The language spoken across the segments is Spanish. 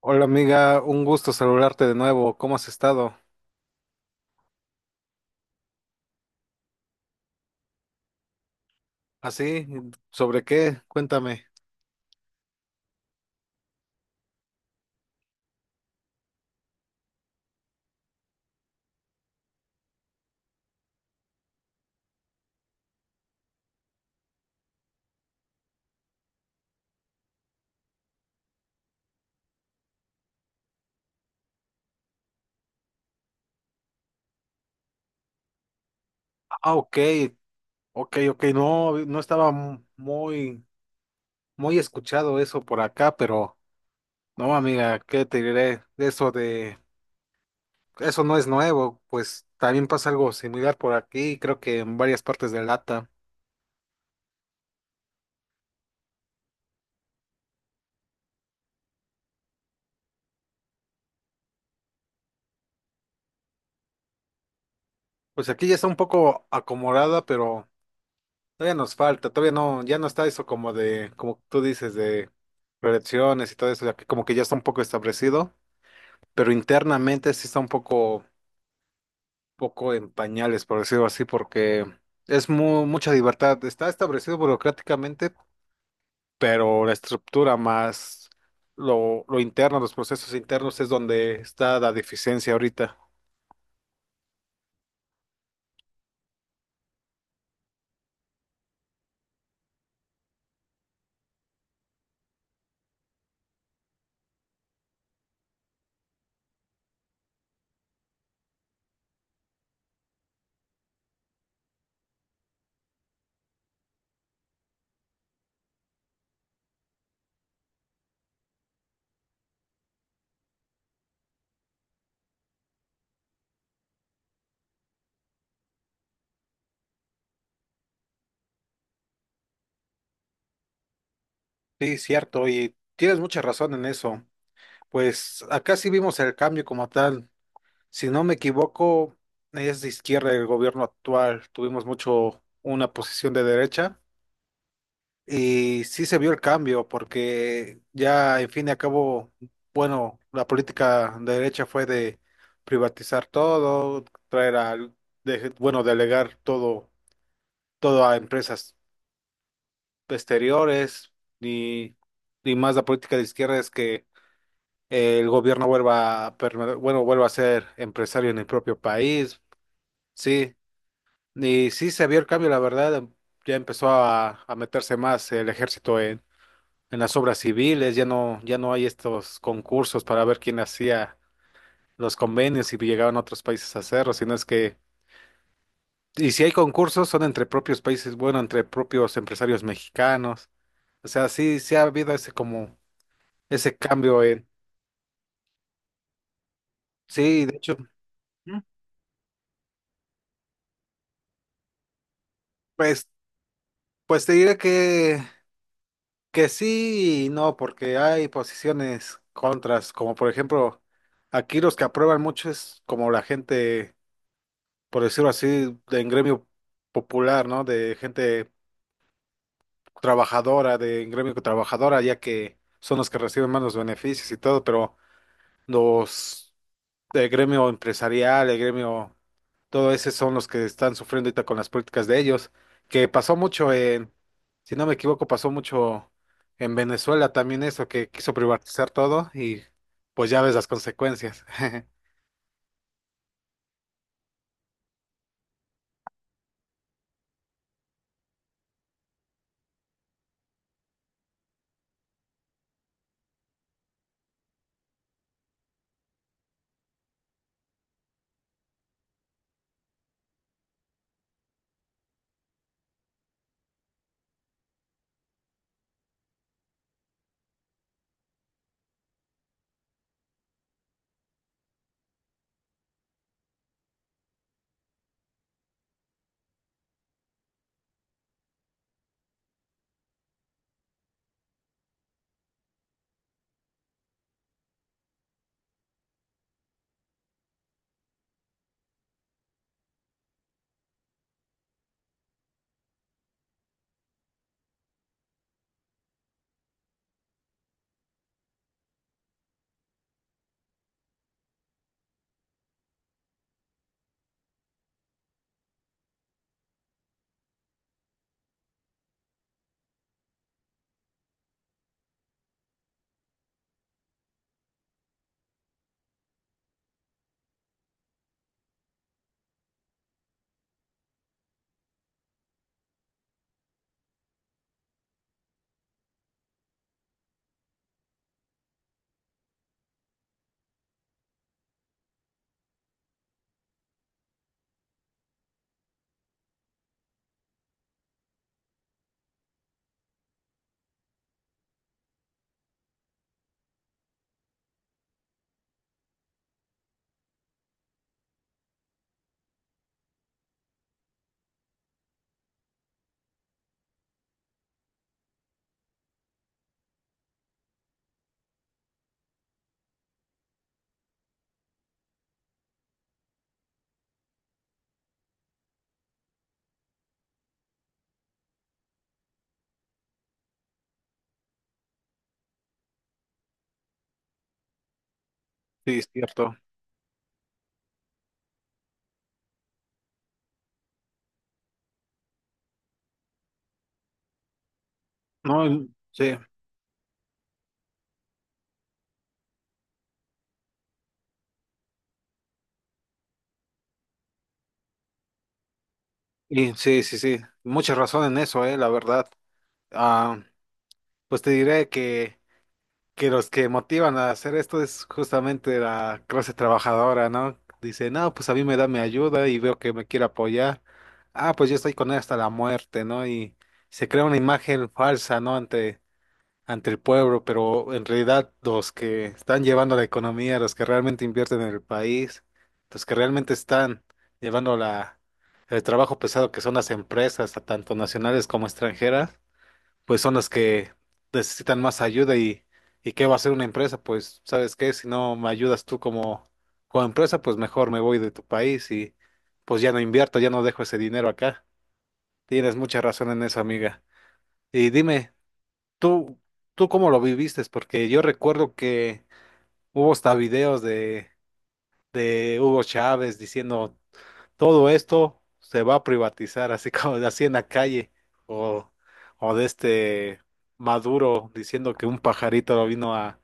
Hola amiga, un gusto saludarte de nuevo. ¿Cómo has estado? ¿Así? ¿Sobre qué? Cuéntame. Ah, ok, ok. No estaba muy, muy escuchado eso por acá, pero no, amiga, ¿qué te diré? Eso no es nuevo, pues también pasa algo similar por aquí, creo que en varias partes de Lata. Pues aquí ya está un poco acomodada, pero todavía nos falta, todavía no, ya no está eso como de, como tú dices, de reelecciones y todo eso, ya que como que ya está un poco establecido. Pero internamente sí está un poco, poco en pañales, por decirlo así, porque es mucha libertad. Está establecido burocráticamente, pero la estructura más lo interno, los procesos internos es donde está la deficiencia ahorita. Sí, cierto, y tienes mucha razón en eso. Pues acá sí vimos el cambio como tal. Si no me equivoco, es de izquierda el gobierno actual. Tuvimos mucho una posición de derecha y sí se vio el cambio porque ya, en fin y al cabo, bueno, la política de derecha fue de privatizar todo, traer a, de- bueno, delegar todo, todo a empresas exteriores y, y más la política de izquierda es que el gobierno vuelva a ser empresario en el propio país. Sí, y sí se vio el cambio, la verdad, ya empezó a meterse más el ejército en las obras civiles, ya no, ya no hay estos concursos para ver quién hacía los convenios y llegaban a otros países a hacerlo, sino es que, y si hay concursos son entre propios países, bueno, entre propios empresarios mexicanos. O sea, sí, sí ha habido ese como, ese cambio en, sí, de hecho. ¿Mm? Pues, pues te diré que sí y no, porque hay posiciones contras, como por ejemplo, aquí los que aprueban mucho es como la gente, por decirlo así, de en gremio popular, ¿no? De gente trabajadora, de en gremio trabajadora, ya que son los que reciben más los beneficios y todo, pero los el gremio empresarial, el gremio, todo ese son los que están sufriendo ahorita con las políticas de ellos, que pasó mucho en, si no me equivoco, pasó mucho en Venezuela también eso, que quiso privatizar todo y pues ya ves las consecuencias. Sí, es cierto. No, sí, y sí, sí, sí, mucha razón en eso, la verdad. Ah, pues te diré que los que motivan a hacer esto es justamente la clase trabajadora, ¿no? Dice, no, pues a mí me da mi ayuda y veo que me quiere apoyar. Ah, pues yo estoy con él hasta la muerte, ¿no? Y se crea una imagen falsa, ¿no? Ante el pueblo, pero en realidad los que están llevando la economía, los que realmente invierten en el país, los que realmente están llevando el trabajo pesado que son las empresas, tanto nacionales como extranjeras, pues son las que necesitan más ayuda y qué va a hacer una empresa, pues sabes qué, si no me ayudas tú como, como empresa, pues mejor me voy de tu país y pues ya no invierto, ya no dejo ese dinero acá. Tienes mucha razón en eso, amiga. Y dime, ¿tú, ¿tú cómo lo viviste? Porque yo recuerdo que hubo hasta videos de Hugo Chávez diciendo todo esto se va a privatizar, así como así en la calle, o, o de este Maduro diciendo que un pajarito lo vino a,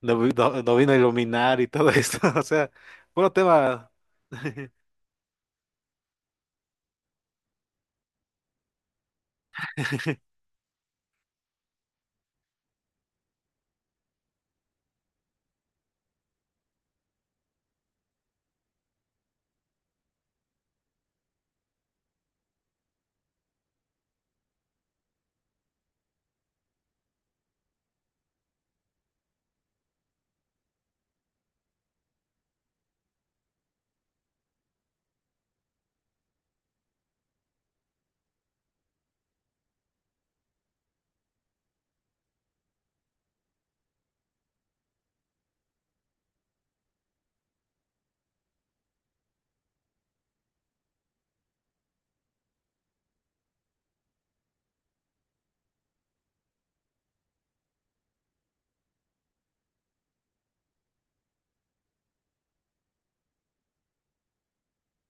lo, vi- lo vino a iluminar y todo esto, o sea, bueno tema,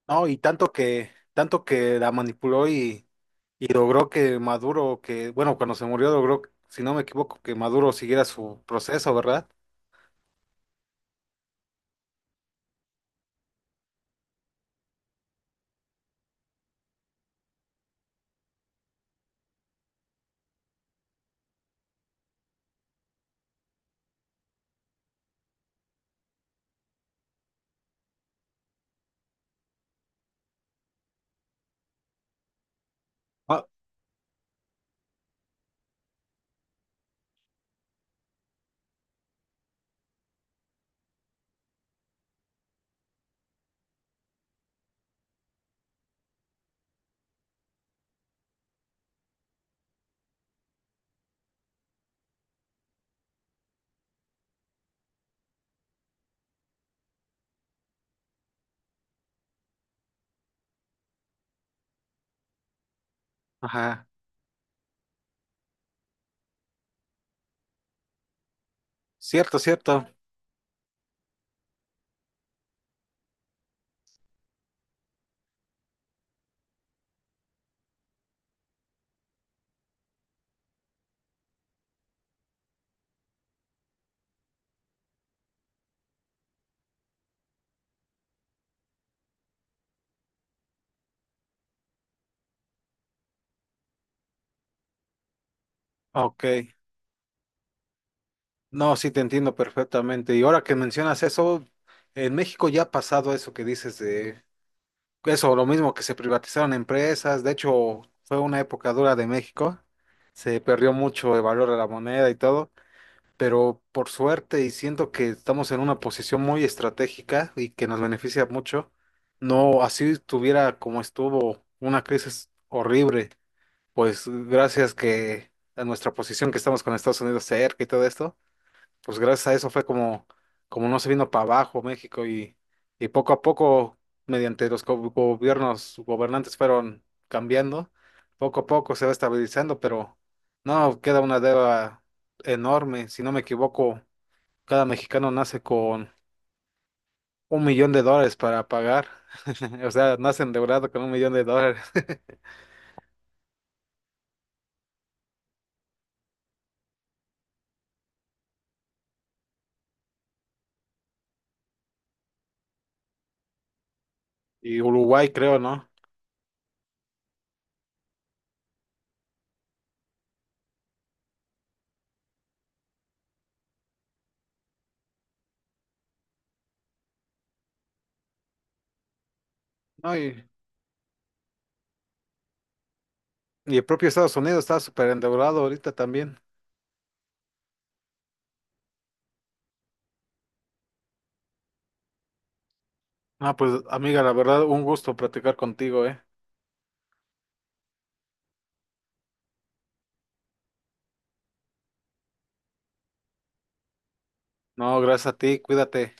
no, y tanto que la manipuló y logró que Maduro, que, bueno, cuando se murió logró, si no me equivoco, que Maduro siguiera su proceso, ¿verdad? Ah, ajá, cierto, cierto, ok. No, sí te entiendo perfectamente. Y ahora que mencionas eso, en México ya ha pasado eso que dices de eso, lo mismo que se privatizaron empresas. De hecho, fue una época dura de México. Se perdió mucho el valor de la moneda y todo. Pero por suerte, y siento que estamos en una posición muy estratégica y que nos beneficia mucho, no así tuviera como estuvo una crisis horrible. Pues gracias que a nuestra posición que estamos con Estados Unidos cerca y todo esto pues gracias a eso fue como, como no se vino para abajo México y poco a poco, mediante los gobiernos gobernantes fueron cambiando, poco a poco se va estabilizando, pero no, queda una deuda enorme, si no me equivoco, cada mexicano nace con $1,000,000 para pagar, o sea, nace endeudado con $1,000,000, y Uruguay creo, ¿no? No, y el propio Estados Unidos está súper endeudado ahorita también. Ah, pues amiga, la verdad, un gusto platicar contigo, ¿eh? No, gracias a ti, cuídate.